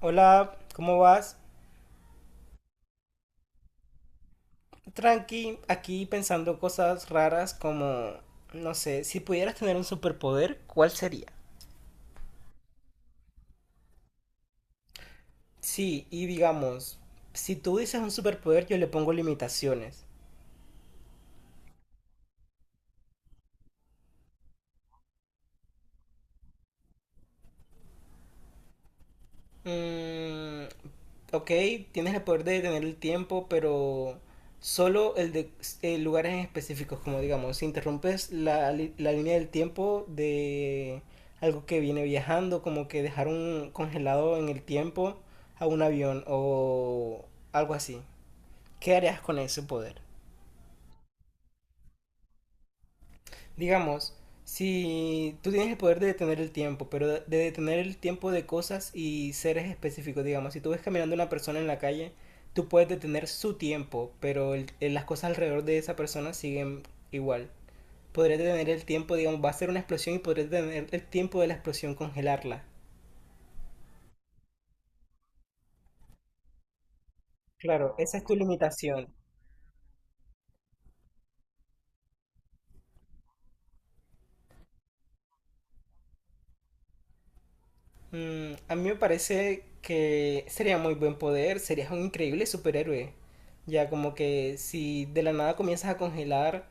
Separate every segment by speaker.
Speaker 1: Hola, ¿cómo vas? Tranqui, aquí pensando cosas raras como, no sé, si pudieras tener un superpoder, ¿cuál sería? Sí, y digamos, si tú dices un superpoder, yo le pongo limitaciones. Mm, ok, tienes el poder de detener el tiempo, pero solo el de lugares en específicos, como digamos, si interrumpes la línea del tiempo de algo que viene viajando, como que dejar un congelado en el tiempo a un avión o algo así. ¿Qué harías con ese poder? Digamos, si tú tienes el poder de detener el tiempo, pero de detener el tiempo de cosas y seres específicos, digamos, si tú ves caminando una persona en la calle, tú puedes detener su tiempo, pero las cosas alrededor de esa persona siguen igual. Podrías detener el tiempo, digamos, va a ser una explosión y podrías detener el tiempo de la explosión, congelarla. Claro, esa es tu limitación. Mm, a mí me parece que sería muy buen poder, serías un increíble superhéroe. Ya como que si de la nada comienzas a congelar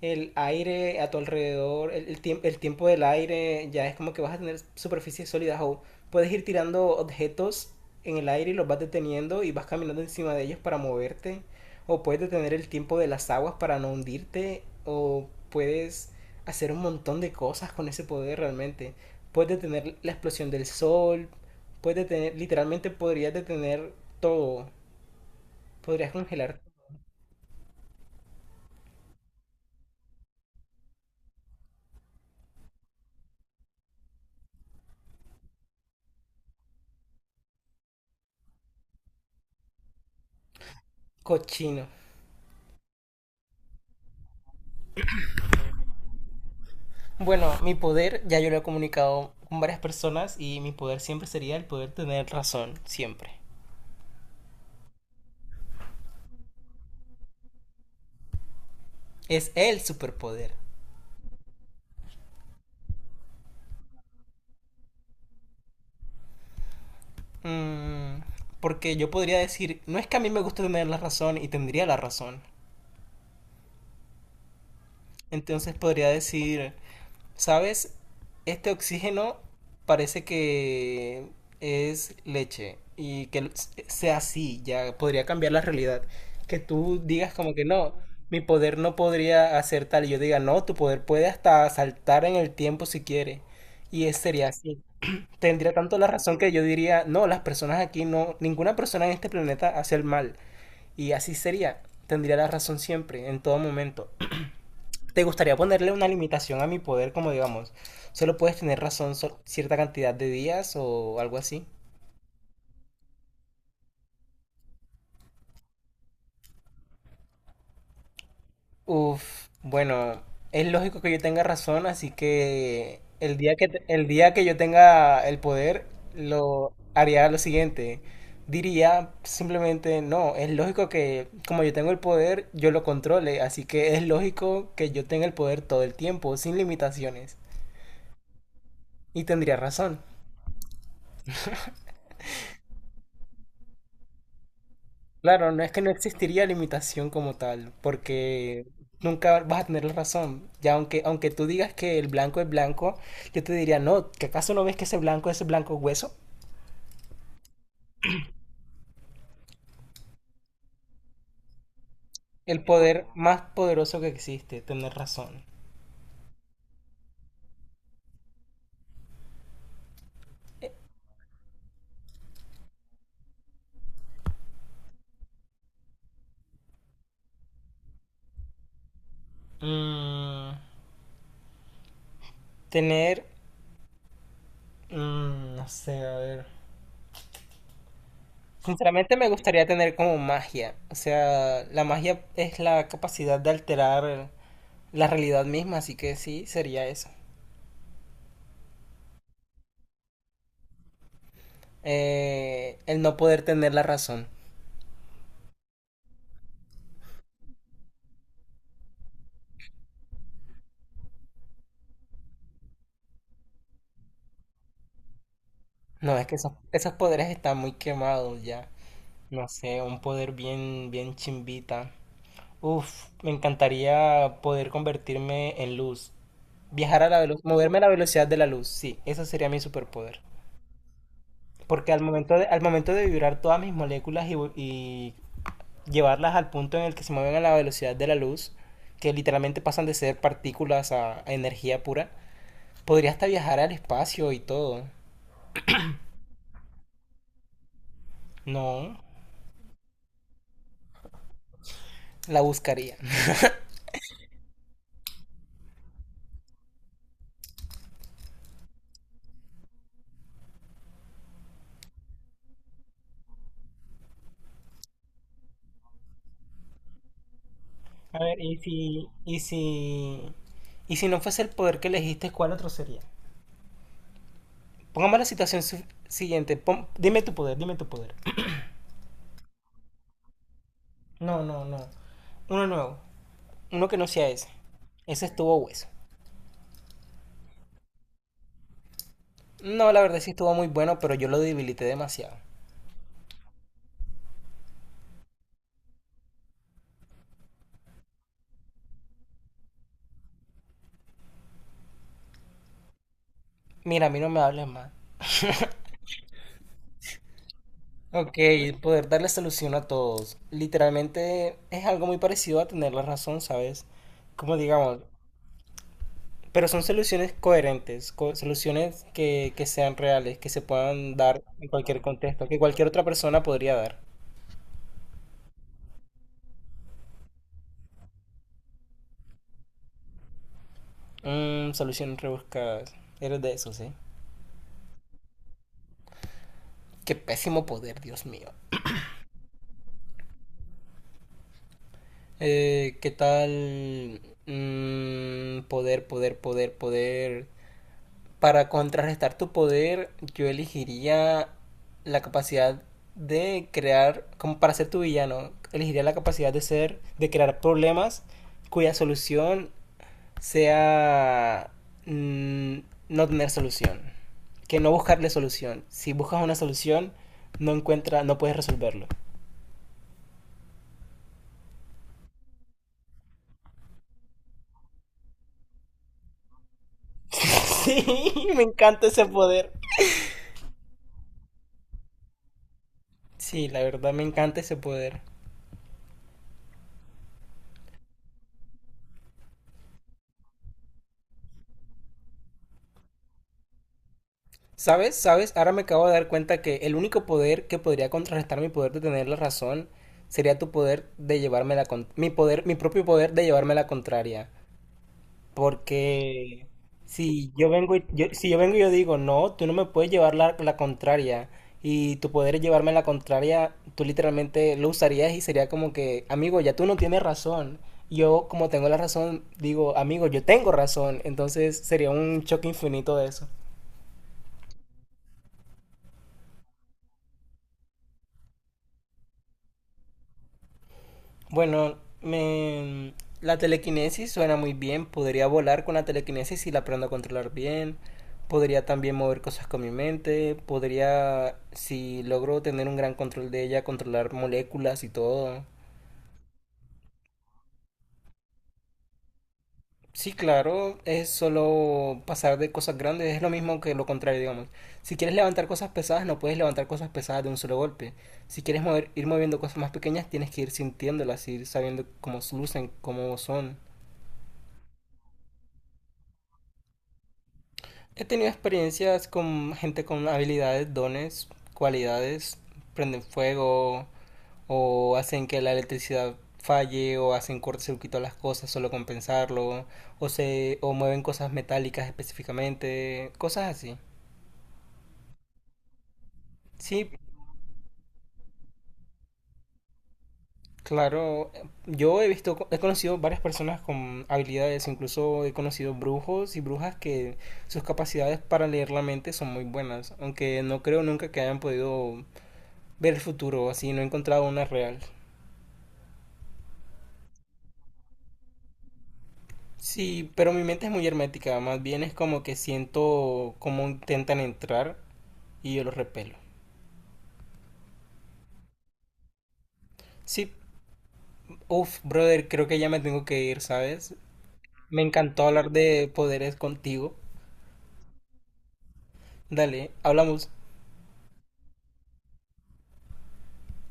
Speaker 1: el aire a tu alrededor, el tiempo del aire, ya es como que vas a tener superficies sólidas o puedes ir tirando objetos en el aire y los vas deteniendo y vas caminando encima de ellos para moverte, o puedes detener el tiempo de las aguas para no hundirte, o puedes hacer un montón de cosas con ese poder realmente. Puedes detener la explosión del sol, puedes detener, literalmente podrías detener todo, podrías congelar cochino. Bueno, mi poder, ya yo lo he comunicado con varias personas y mi poder siempre sería el poder tener razón, siempre. Es el superpoder. Mm, porque yo podría decir, no es que a mí me guste tener la razón y tendría la razón. Entonces podría decir, ¿sabes? Este oxígeno parece que es leche y que sea así, ya podría cambiar la realidad. Que tú digas como que no, mi poder no podría hacer tal y yo diga no, tu poder puede hasta saltar en el tiempo si quiere. Y es, sería así. Tendría tanto la razón que yo diría, no, las personas aquí no, ninguna persona en este planeta hace el mal. Y así sería. Tendría la razón siempre, en todo momento. ¿Te gustaría ponerle una limitación a mi poder, como digamos, solo puedes tener razón cierta cantidad de días o algo así? Uf, bueno, es lógico que yo tenga razón, así que el día que yo tenga el poder, lo haría lo siguiente. Diría simplemente, no, es lógico que como yo tengo el poder, yo lo controle, así que es lógico que yo tenga el poder todo el tiempo, sin limitaciones. Y tendría razón. Claro, no es que no existiría limitación como tal, porque nunca vas a tener la razón. Ya aunque tú digas que el blanco es blanco, yo te diría, no, ¿que acaso no ves que ese blanco es blanco hueso? El poder más poderoso que existe, tener razón. Mm, tener, mm, no sé, a ver. Sinceramente me gustaría tener como magia. O sea, la magia es la capacidad de alterar la realidad misma, así que sí, sería eso. El no poder tener la razón. No, es que esos poderes están muy quemados ya. No sé, un poder bien chimbita. Uf, me encantaría poder convertirme en luz. Viajar a la velocidad, moverme a la velocidad de la luz, sí, eso sería mi superpoder. Porque al momento de vibrar todas mis moléculas y llevarlas al punto en el que se mueven a la velocidad de la luz, que literalmente pasan de ser partículas a energía pura, podría hasta viajar al espacio y todo. No, la buscaría. A ver, y si no fuese el poder que elegiste, ¿cuál otro sería? Pongamos la situación siguiente. Dime tu poder, dime tu poder. No, no, no. Uno nuevo. Uno que no sea ese. Ese estuvo hueso. No, la verdad sí estuvo muy bueno, pero yo lo debilité demasiado. Mira, a mí no me hables más. Ok, poder darle solución a todos. Literalmente es algo muy parecido a tener la razón, ¿sabes? Como digamos, pero son soluciones coherentes, soluciones que sean reales, que se puedan dar en cualquier contexto, que cualquier otra persona podría dar. Mm, soluciones rebuscadas. Eres de eso, ¿sí? Qué pésimo poder, Dios mío. ¿Qué tal? Mm, poder, poder, poder, poder. Para contrarrestar tu poder, yo elegiría la capacidad de crear, como para ser tu villano, elegiría la capacidad de ser, de crear problemas cuya solución sea mm, no tener solución, que no buscarle solución. Si buscas una solución, no encuentra, no puedes resolverlo. Sí, me encanta ese poder. Sí, la verdad me encanta ese poder. ¿Sabes? ¿Sabes? Ahora me acabo de dar cuenta que el único poder que podría contrarrestar mi poder de tener la razón sería tu poder de llevarme la mi poder, mi propio poder de llevarme la contraria. Porque si yo vengo y yo, si yo vengo y yo digo, no, tú no me puedes llevar la contraria y tu poder es llevarme la contraria, tú literalmente lo usarías y sería como que, amigo, ya tú no tienes razón. Yo como tengo la razón, digo, amigo, yo tengo razón. Entonces sería un choque infinito de eso. Bueno, me... la telequinesis suena muy bien. Podría volar con la telequinesis si la aprendo a controlar bien. Podría también mover cosas con mi mente. Podría, si logro tener un gran control de ella, controlar moléculas y todo. Sí, claro, es solo pasar de cosas grandes, es lo mismo que lo contrario, digamos. Si quieres levantar cosas pesadas, no puedes levantar cosas pesadas de un solo golpe. Si quieres mover, ir moviendo cosas más pequeñas, tienes que ir sintiéndolas, ir sabiendo cómo lucen, cómo son. He tenido experiencias con gente con habilidades, dones, cualidades, prenden fuego o hacen que la electricidad falle o hacen cortocircuito a las cosas solo con pensarlo o mueven cosas metálicas específicamente, cosas así. Sí, claro, yo he conocido varias personas con habilidades, incluso he conocido brujos y brujas que sus capacidades para leer la mente son muy buenas, aunque no creo nunca que hayan podido ver el futuro, así no he encontrado una real. Sí, pero mi mente es muy hermética, más bien es como que siento cómo intentan entrar y yo los repelo. Sí, uff, brother, creo que ya me tengo que ir, ¿sabes? Me encantó hablar de poderes contigo. Dale, hablamos.